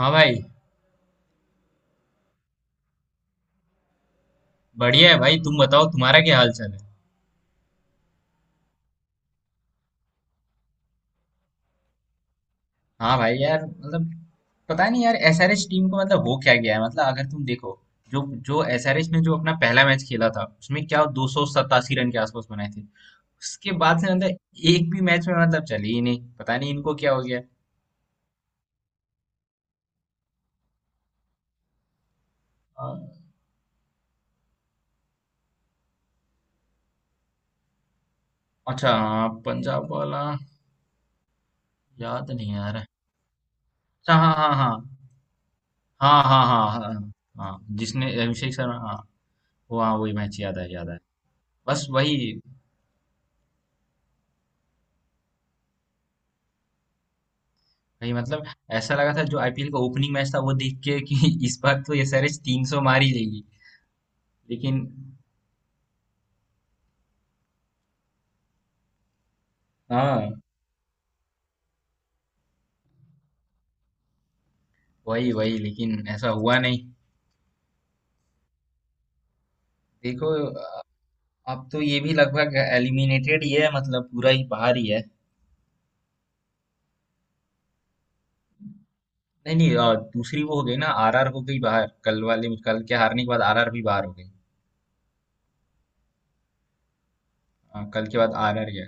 हाँ भाई। बढ़िया है भाई, तुम बताओ तुम्हारा क्या हाल चाल है। हाँ भाई, यार मतलब पता नहीं यार, एसआरएच टीम को मतलब हो क्या गया है। मतलब अगर तुम देखो, जो जो एसआरएच ने जो अपना पहला मैच खेला था, उसमें क्या 287 रन के आसपास बनाए थे। उसके बाद से मतलब एक भी मैच में मतलब चली ही नहीं, पता नहीं इनको क्या हो गया। अ, अच्छा हाँ, पंजाब वाला याद नहीं आ रहा है। अच्छा, हाँ हाँ हाँ। हाँ हाँ हाँ। हाँ हाँ, जिसने अभिषेक शर्मा, हाँ। वो हाँ, वही मैच याद है, याद है। बस वही। भाई मतलब ऐसा लगा था जो आईपीएल का ओपनिंग मैच था, वो देख के कि इस बार तो ये एसआरएच 300 मार ही लेगी, लेकिन। हाँ वही वही, लेकिन ऐसा हुआ नहीं। देखो, अब तो ये भी लगभग एलिमिनेटेड ही है, मतलब पूरा ही बाहर ही है। नहीं नहीं, दूसरी वो हो गई ना, आरआर हो गई बाहर, कल वाले, कल के हारने के बाद आरआर भी बाहर हो गई। कल के बाद आरआर गया,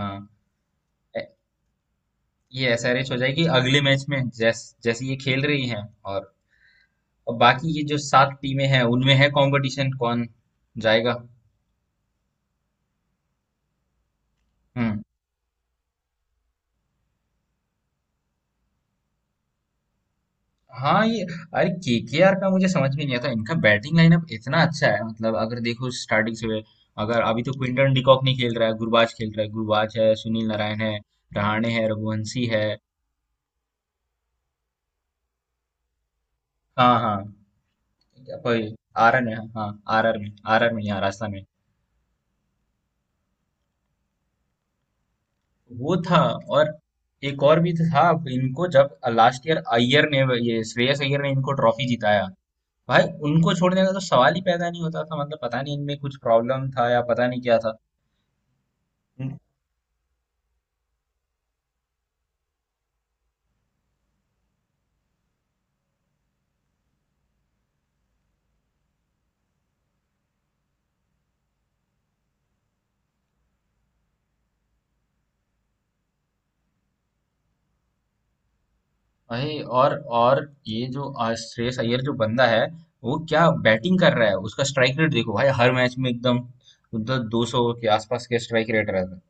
हाँ। ए- ये एसआरएच हो जाएगी अगले मैच में, जैसे ये खेल रही है। और और बाकी ये जो सात टीमें हैं, उनमें है कंपटीशन कौन जाएगा। हम्म। हाँ ये, अरे केकेआर का मुझे समझ में नहीं आता, इनका बैटिंग लाइनअप इतना अच्छा है। मतलब अगर देखो स्टार्टिंग से, अगर अभी तो क्विंटन डिकॉक नहीं खेल रहा है, गुरबाज खेल रहा है। गुरबाज है, सुनील नारायण है, रहाणे है, रघुवंशी है। हाँ हाँ, कोई आरन है, हाँ। आर आर में, आर आर में, यहाँ राजस्थान में। वो था, और एक और भी था। इनको जब लास्ट ईयर अय्यर ने, ये श्रेयस अय्यर ने इनको ट्रॉफी जिताया भाई, उनको छोड़ने का तो सवाल ही पैदा नहीं होता था। मतलब पता नहीं इनमें कुछ प्रॉब्लम था या पता नहीं क्या था। हम्म। भाई, और ये जो श्रेयस अय्यर जो बंदा है, वो क्या बैटिंग कर रहा है। उसका स्ट्राइक रेट देखो भाई, हर मैच में एकदम उधर 200 के आसपास के स्ट्राइक रेट रहता है।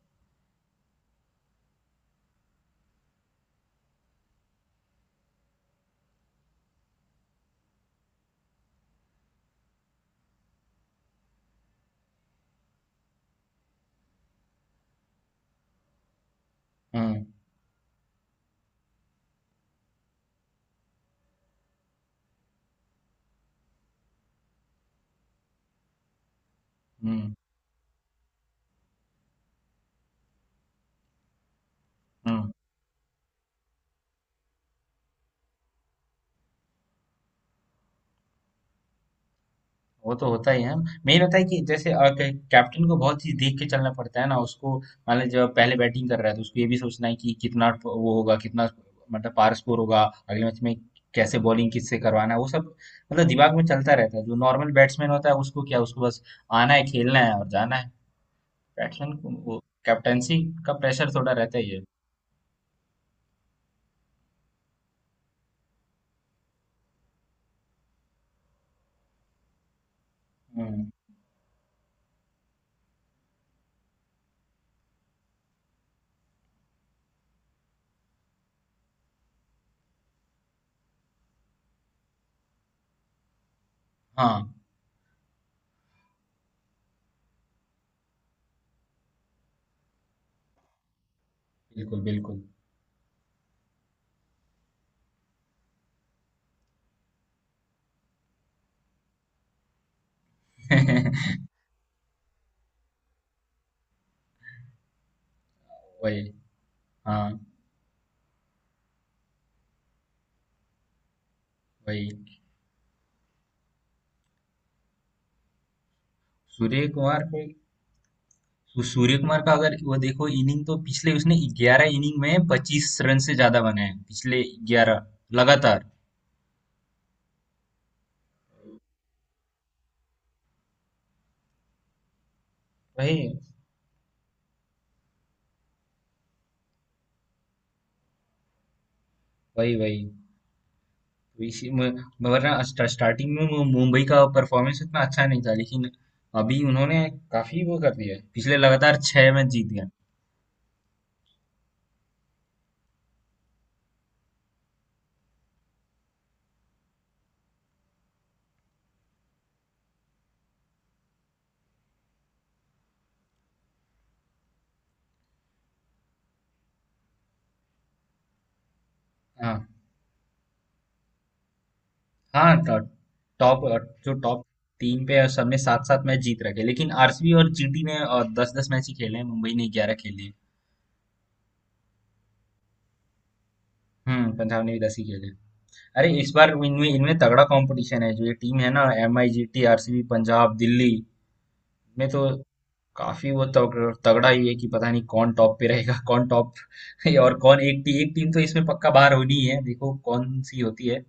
हम्म। हम्म। हम्म, वो तो होता ही है। मेन होता है कि जैसे, कैप्टन को बहुत चीज देख के चलना पड़ता है ना उसको। मान लीजिए जब पहले बैटिंग कर रहा है, तो उसको ये भी सोचना है कि कितना वो होगा, कितना मतलब पार स्कोर होगा अगले मैच में, कैसे बॉलिंग किससे करवाना है, वो सब मतलब दिमाग में चलता रहता है। जो नॉर्मल बैट्समैन होता है, उसको क्या, उसको बस आना है, खेलना है और जाना है। बैट्समैन को वो कैप्टेंसी का प्रेशर थोड़ा रहता ही है। हम्म, हाँ बिल्कुल बिल्कुल। वही। हाँ वही। सूर्य कुमार को, तो सूर्य कुमार का, अगर वो देखो इनिंग, तो पिछले उसने 11 इनिंग में 25 रन से ज्यादा बनाए हैं, पिछले 11 लगातार। वही वही वही तो इसी वरना स्टार्टिंग में मुंबई का परफॉर्मेंस इतना अच्छा नहीं था, लेकिन अभी उन्होंने काफी वो कर दिया है। पिछले लगातार 6 मैच जीत गए। हाँ हाँ। टॉप, जो टॉप टीम पे है, सबने सात सात मैच जीत रखे, लेकिन आरसीबी और जीटी ने दस दस मैच ही खेले हैं, मुंबई ने 11 खेले हैं। हम्म, पंजाब ने भी 10 ही खेले। अरे इस बार इनमें इनमें तगड़ा कंपटीशन है। जो ये टीम है ना, M I, G T, RCB, Punjab, Delhi, में तो काफी वो तगड़ा ही है कि पता नहीं कौन टॉप पे रहेगा, कौन टॉप। और कौन, एक एक टीम तो इसमें पक्का बाहर होनी ही है, देखो कौन सी होती है।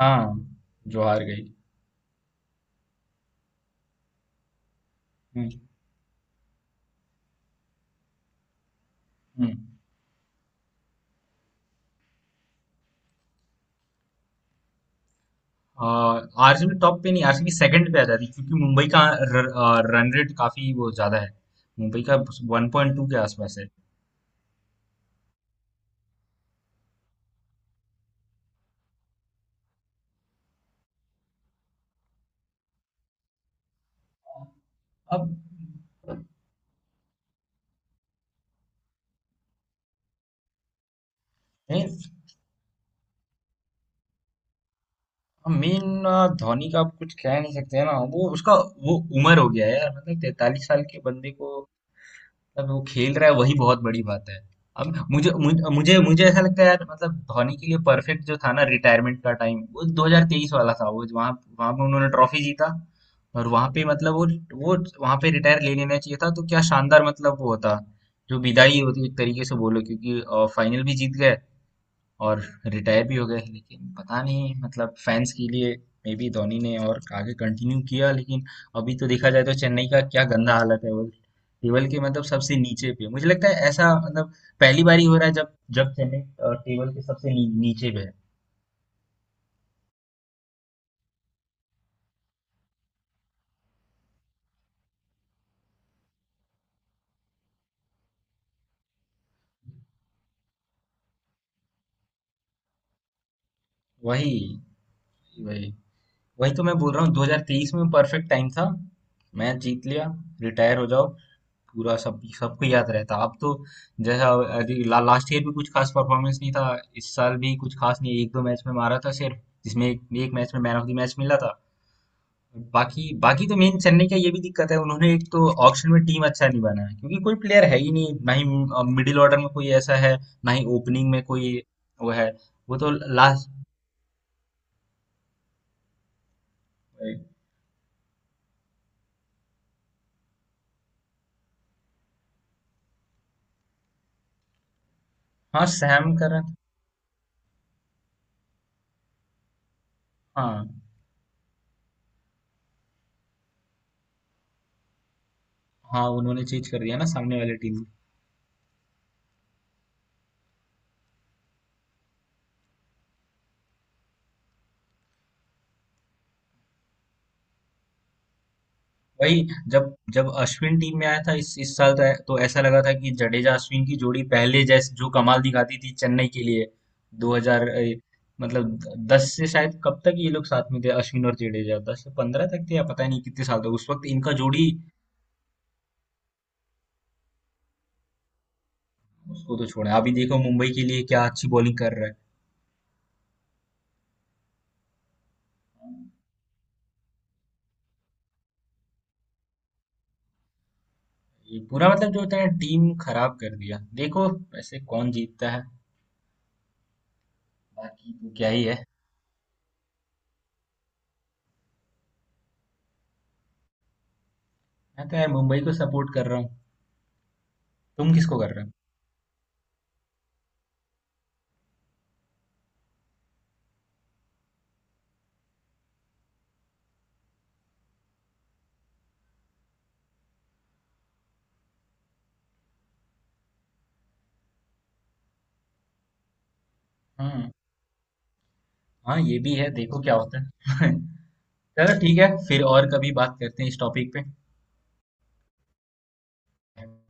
हाँ जो हार गई। हम्म। हम्म। आरसीबी टॉप पे नहीं, आरसीबी सेकंड पे आ जाती, क्योंकि मुंबई का रन रेट काफी वो ज्यादा है। मुंबई का 1.2 के आसपास है। अब नहीं, मेन धोनी का आप कुछ कह नहीं सकते हैं ना, वो उसका वो उम्र हो गया है यार। मतलब 43 साल के बंदे को, मतलब वो खेल रहा है वही बहुत बड़ी बात है। अब मुझे मुझे मुझे मुझे ऐसा लगता है यार, मतलब धोनी के लिए परफेक्ट जो था ना रिटायरमेंट का टाइम, वो 2023 वाला था। वो वहां, वहां पे उन्होंने ट्रॉफी जीता, और वहां पे मतलब वो वहां पे रिटायर ले लेना चाहिए था, तो क्या शानदार मतलब वो होता जो विदाई होती, एक तरीके से बोलो, क्योंकि फाइनल भी जीत गए और रिटायर भी हो गए। लेकिन पता नहीं, मतलब फैंस के लिए मे बी धोनी ने और आगे कंटिन्यू किया। लेकिन अभी तो देखा जाए तो चेन्नई का क्या गंदा हालत है, वो टेबल के मतलब सबसे नीचे पे, मुझे लगता है ऐसा। मतलब पहली बार ही हो रहा है जब जब चेन्नई टेबल के सबसे नीचे पे है। वही वही। वही तो मैं बोल रहा हूँ 2023 में परफेक्ट टाइम था, मैच जीत लिया, रिटायर हो जाओ, पूरा सब, सबको याद रहता। अब तो जैसा, अभी लास्ट ईयर भी कुछ खास परफॉर्मेंस नहीं था, इस साल भी कुछ खास नहीं। एक दो मैच में मारा था सिर्फ, जिसमें एक मैच में मैन ऑफ द मैच मिला था। बाकी बाकी तो, मेन चेन्नई का ये भी दिक्कत है, उन्होंने एक तो ऑक्शन में टीम अच्छा नहीं बनाया, क्योंकि कोई प्लेयर है ही नहीं, ना ही मिडिल ऑर्डर में कोई ऐसा है, ना ही ओपनिंग में कोई वो है। वो तो लास्ट, हाँ सैम करन। हाँ हाँ, उन्होंने चेंज कर दिया ना सामने वाली टीम। वही, जब जब अश्विन टीम में आया था इस साल, तो ऐसा लगा था कि जडेजा अश्विन की जोड़ी, पहले जैसे जो कमाल दिखाती थी चेन्नई के लिए, 2000 मतलब 10 से, शायद कब तक ये लोग साथ में थे, अश्विन और जडेजा 10 से 15 तक थे, या पता नहीं कितने साल तक उस वक्त इनका जोड़ी। उसको तो छोड़ा, अभी देखो मुंबई के लिए क्या अच्छी बॉलिंग कर रहा है। ये पूरा मतलब जो होता है, टीम खराब कर दिया देखो। वैसे कौन जीतता है, बाकी तो क्या ही है। मैं तो यार मुंबई को सपोर्ट कर रहा हूँ। तुम किसको कर रहे हो। हम्म। हाँ ये भी है, देखो क्या होता है। चलो ठीक है, फिर और कभी बात करते हैं इस टॉपिक पे।